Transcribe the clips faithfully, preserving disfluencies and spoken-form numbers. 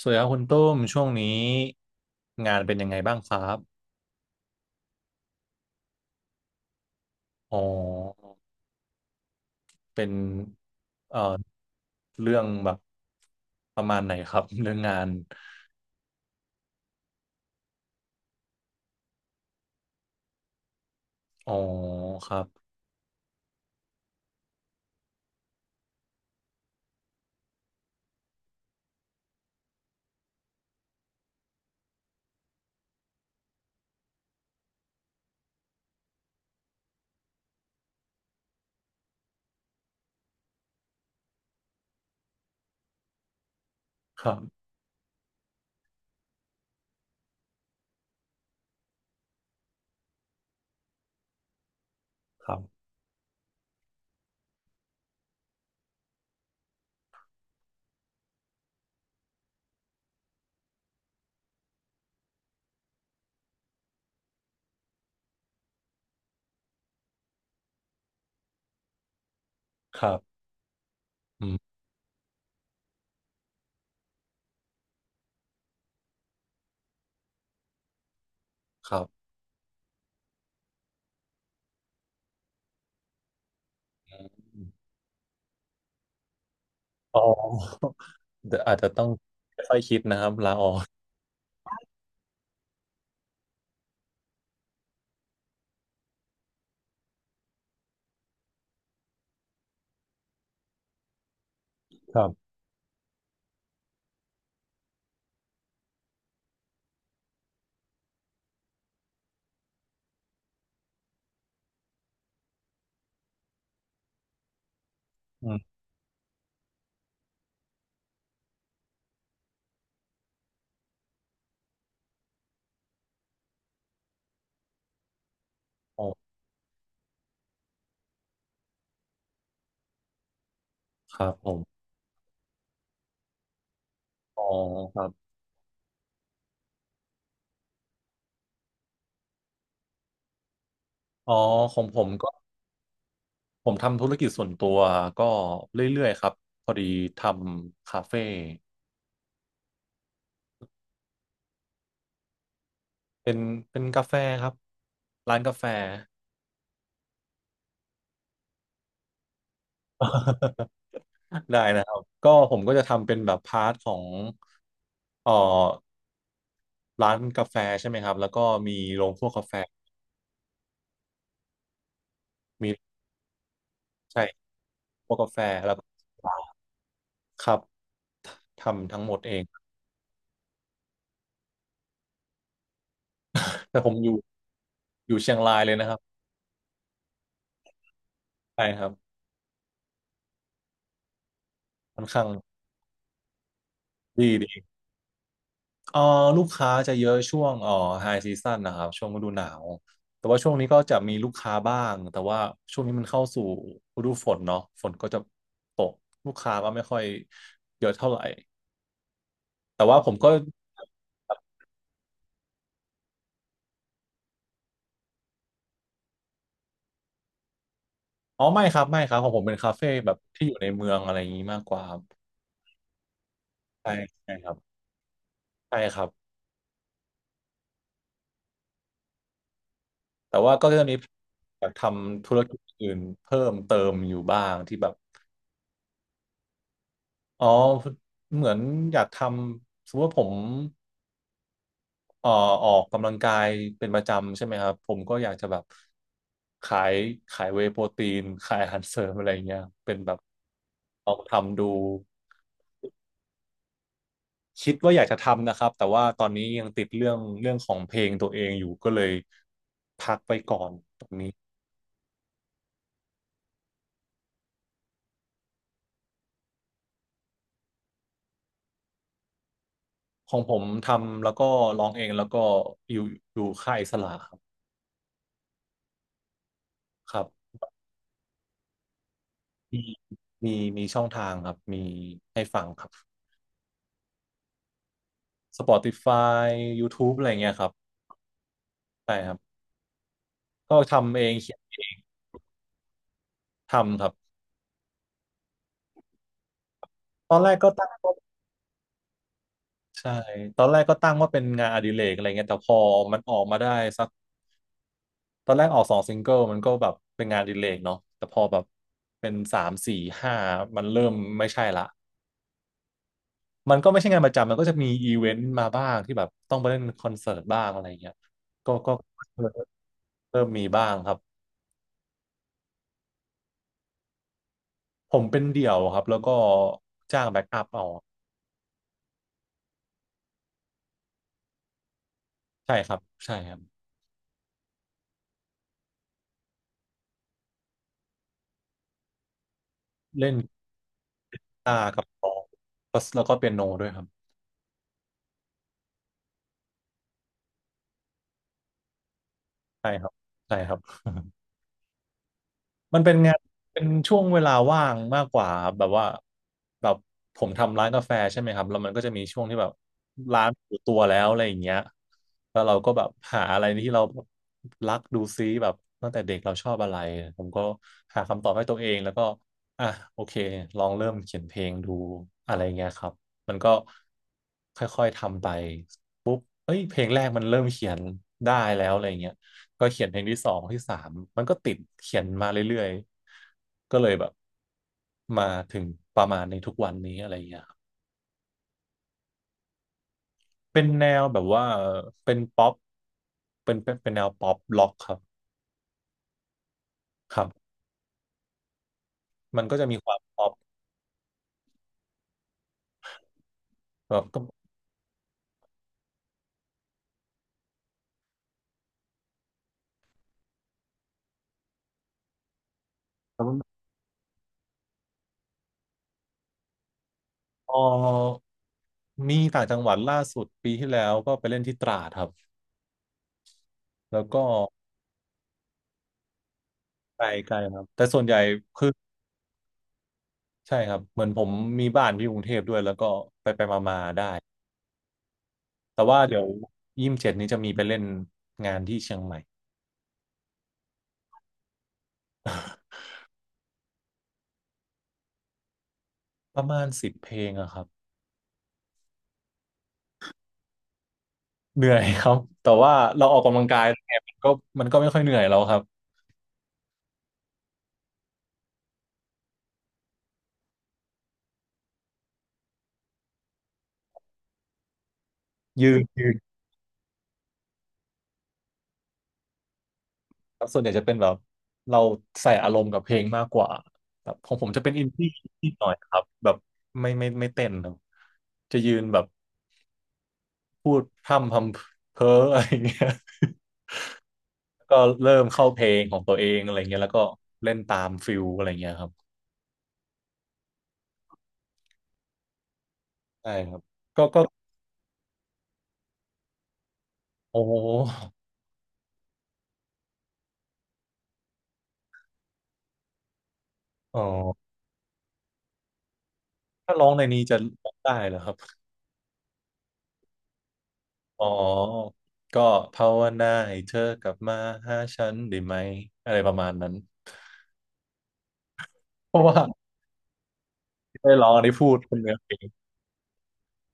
สวัสดีครับคุณตุ้มช่วงนี้งานเป็นยังไงบ้างครับอ๋อเป็นเอ่อเรื่องแบบประมาณไหนครับ เรื่องงานอ๋อครับครับครับครับอืมครับอมอ๋อเดี๋ยวอาจจะต้องค่อยๆคิดนะครับลาออกครับอืมอ๋อครับผมอ๋อครับอ๋อของผมก็ผมทำธุรกิจส่วนตัวก็เรื่อยๆครับพอดีทำคาเฟ่ เป็นเป็นกาแฟครับร้านกาแฟ ได้นะครับก็ผมก็จะทำเป็นแบบพาร์ทของเอ่อร้านกาแฟใช่ไหมครับแล้วก็มีโรงคั่วกาแฟมีใช่คั่วกกาแฟแล้วก็ครับทำทั้งหมดเองแต่ผมอยู่อยู่เชียงรายเลยนะครับใช่ครับค่อนข้างดี เอ่อลูกค้าจะเยอะช่วงเอ่อไฮซีซั่นนะครับช่วงฤดูหนาวแต่ว่าช่วงนี้ก็จะมีลูกค้าบ้างแต่ว่าช่วงนี้มันเข้าสู่ฤดูฝนเนาะฝนก็จะตกลูกค้าก็ไม่ค่อยเยอะเท่าไหร่แต่ว่าผมก็อ๋อไม่ครับไม่ครับของผมเป็นคาเฟ่แบบที่อยู่ในเมืองอะไรอย่างนี้มากกว่าครับใช่ใช่ครับใช่ครับแต่ว่าก็จะมีแบบทำธุรกิจอื่นเพิ่มเติมอยู่บ้างที่แบบอ๋อเหมือนอยากทำสมมติว่าผม เอ่อออกกำลังกายเป็นประจำใช่ไหมครับผมก็อยากจะแบบขายขายเวย์โปรตีนขายอาหารเสริมอะไรเงี้ยเป็นแบบลองทำดูคิดว่าอยากจะทำนะครับแต่ว่าตอนนี้ยังติดเรื่องเรื่องของเพลงตัวเองอยู่ก็เลยพักไปก่อนของผมทำแล้วก็ร้องเองแล้วก็อยู่อยู่ค่ายอิสระครับครับมีมีมีช่องทางครับมีให้ฟังครับ s p o t i f า y ยู t ูบ e อะไรเงี้ยครับใช่ครับก็ทำเองเขียน ทำครับตอนแรกก็ตั้งว่าใช่ตอนแรกก็ตั้งว่าเป็นงานอดิเรกอะไรเงี้ยแต่พอมันออกมาได้สักตอนแรกออกสองซิงเกิลมันก็แบบเป็นงานอดิเรกเนาะแต่พอแบบเป็นสามสี่ห้ามันเริ่มไม่ใช่ละมันก็ไม่ใช่งานประจำมันก็จะมีอีเวนต์มาบ้างที่แบบต้องไปเล่นคอนเสิร์ตบ้างอะไรเงี้ยก็ก็เริ่มเริ่มมีบ้างครับผมเป็นเดี่ยวครับแล้วก็จ้างแบ็กอัพเอาใช่ครับใช่ครับเล่นกีตาร์กับกลองแล้วก็เปียโนด้วยครับใช่ครับใช่ครับ มันเป็นงานเป็นช่วงเวลาว่างมากกว่าครับแบบว่าแบบผมทำร้านกาแฟใช่ไหมครับแล้วมันก็จะมีช่วงที่แบบร้านอยู่ตัวแล้วอะไรอย่างเงี้ยแล้วเราก็แบบหาอะไรที่เราแบบรักดูซิแบบตั้งแต่เด็กเราชอบอะไรผมก็หาคำตอบให้ตัวเองแล้วก็อ่ะโอเคลองเริ่มเขียนเพลงดูอะไรเงี้ยครับมันก็ค่อยๆทำไป เอ้ยเพลงแรกมันเริ่มเขียนได้แล้วอะไรเงี้ยก็เขียนเพลงที่สองที่สามมันก็ติดเขียนมาเรื่อยๆ ก็เลยแบบมาถึงประมาณในทุกวันนี้อะไรเงี้ยครับเป็นแนวแบบว่าเป็นป๊อปเป็นเป็นเป็นแนวป๊อปล็อกครับครับ มันก็จะมีความป๊อปแบบก็พอมีต่างจังหวัดล่าสุดปีที่แล้วก็ไปเล่นที่ตราดครับ แล้วก็ไกลๆครับ แต่ส่วนใหญ่ ใช่ครับเหมือนผมมีบ้านที่กรุงเทพด้วยแล้วก็ไปไปมามาๆได้แต่ว่าเดี๋ยวยี่สิบเจ็ดนี้จะมีไปเล่นงานที่เชียงใหม่ ประมาณสิบเพลงอะครับเหนื่อยครับแต่ว่าเราออกกำลังกายเนี่ยมันก็มันก็ไม่ค่อยเหนื่อยแล้วครับยืนยืนครับส่วนใหญ่จะเป็นแบบเราใส่อารมณ์กับเพลงมากกว่าแบบของผมจะเป็นอินดี้นิดหน่อยครับแบบไม่ไม่ไม่เต้นครับจะยืนแบบพูดพร่ำพำเพ้อ อะไรอย่างเงี้ย ก็เริ่มเข้าเพลงของตัวเองอะไรเงี้ยแล้วก็เล่นตามฟิลอะไรเงี้ยครับใช่ครับก็ก็โอ้โหอ๋อถ้าร้องในนี้จะร้องได้เหรอครับอ๋อก็ภาวนาให้เธอกลับมาหาฉันได้ไหมอะไรประมาณนั้นเพราะว่าได้ร้องได้พูดคนเนื้อเพลง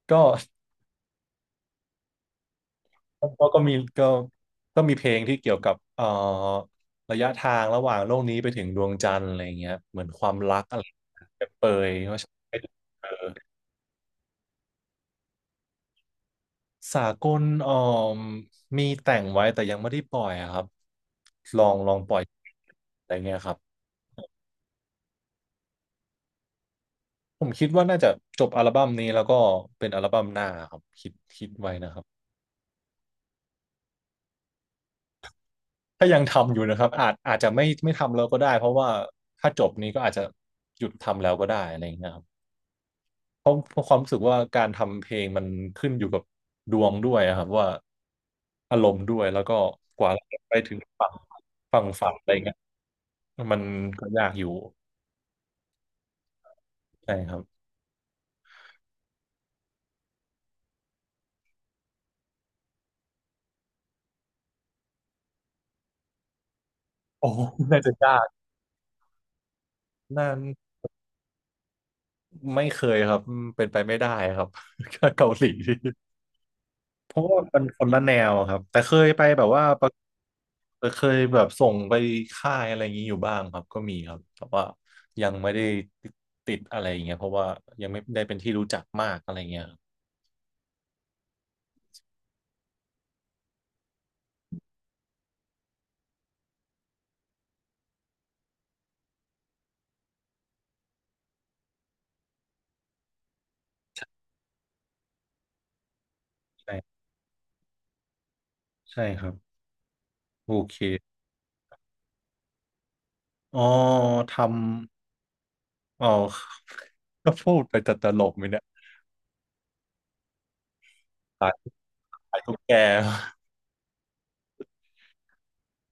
ก็ก็ก็มีก็ก็มีเพลงที่เกี่ยวกับเอ่อระยะทางระหว่างโลกนี้ไปถึงดวงจันทร์อะไรอย่างเงี้ยเหมือนความรักอะไรเปรยบเปรยว่าฉันไม่ได้เจอ สากลเอ่อมีแต่งไว้แต่ยังไม่ได้ปล่อยอะครับลองลองปล่อยอะไรเงี้ยครับผมคิดว่าน่าจะจบอัลบั้มนี้แล้วก็เป็นอัลบั้มหน้าครับคิดคิดไว้นะครับถ้ายังทำอยู่นะครับอาจอาจจะไม่ไม่ทำแล้วก็ได้เพราะว่าถ้าจบนี้ก็อาจจะหยุดทำแล้วก็ได้อะไรอย่างเงี้ยครับเพราะเพราะความรู้สึกว่าการทำเพลงมันขึ้นอยู่กับดวงด้วยอะครับว่าอารมณ์ด้วยแล้วก็กว่าเราจะไปถึงฝั่งฝั่งฝันอะไรเงี้ยมันก็ยากอยู่ใช่ครับ โอ้ น่าจะยากน่าไม่เคยครับ เป็นไปไม่ได้ครับ เกาหลีเพราะว่ามันคนละแนวครับแต่เคยไปแบบว่าประเคยแบบส่งไปค่ายอะไรอย่างนี้อยู่บ้างครับก็มีครับแต่ว่ายังไม่ได้ติดอะไรอย่างเงี้ยเพราะว่ายังไม่ได้เป็นที่รู้จักมากอะไรเงี้ยครับใช่ใช่ครับโอเคอ๋อทำอ๋อ ก็พูดไปแต่ตลกไหมเนี่ยขายขายตุ๊กแก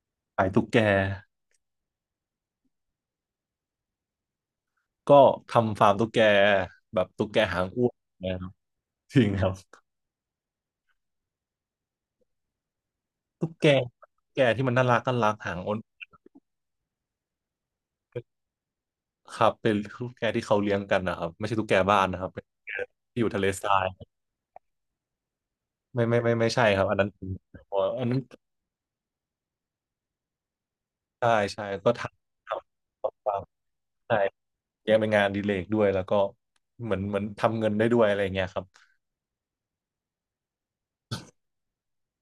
ขายตุ๊กแก ก็ทำฟาร์มตุ๊กแกแบบตุ๊กแกหางอ้วนนะครับจริงครับตุ๊กแกตุ๊กแกที่มันน่ารักน่ารักหางอ้นครับเป็นตุ๊กแกที่เขาเลี้ยงกันนะครับไม่ใช่ตุ๊กแกบ้านนะครับเป็นตุ๊กแกที่อยู่ทะเลทรายไม่ไม่ไม่ไม่ใช่ครับอันนั้นอันนั้นใช่ใช่ก็ทำทำฟาร์มใช่เลี้ยงเป็นงานอดีเลกด้วยแล้วก็เหมือนเหมือนทำเงินได้ด้วยอะไรเงี้ยครับ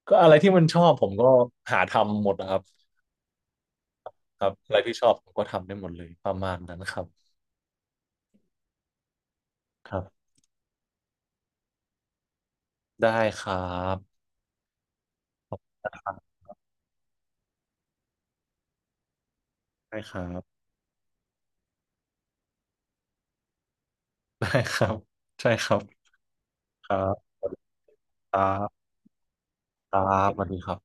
ก็อะไรที่มันชอบผมก็หาทำหมดนะครับครับอะไรที่ชอบผมก็ทำได้หมดเลยประมาณนั้นครับครับได้ครับ ได้ครับ ได้ครับใช่ครับครับครับครับสวัสดีครับ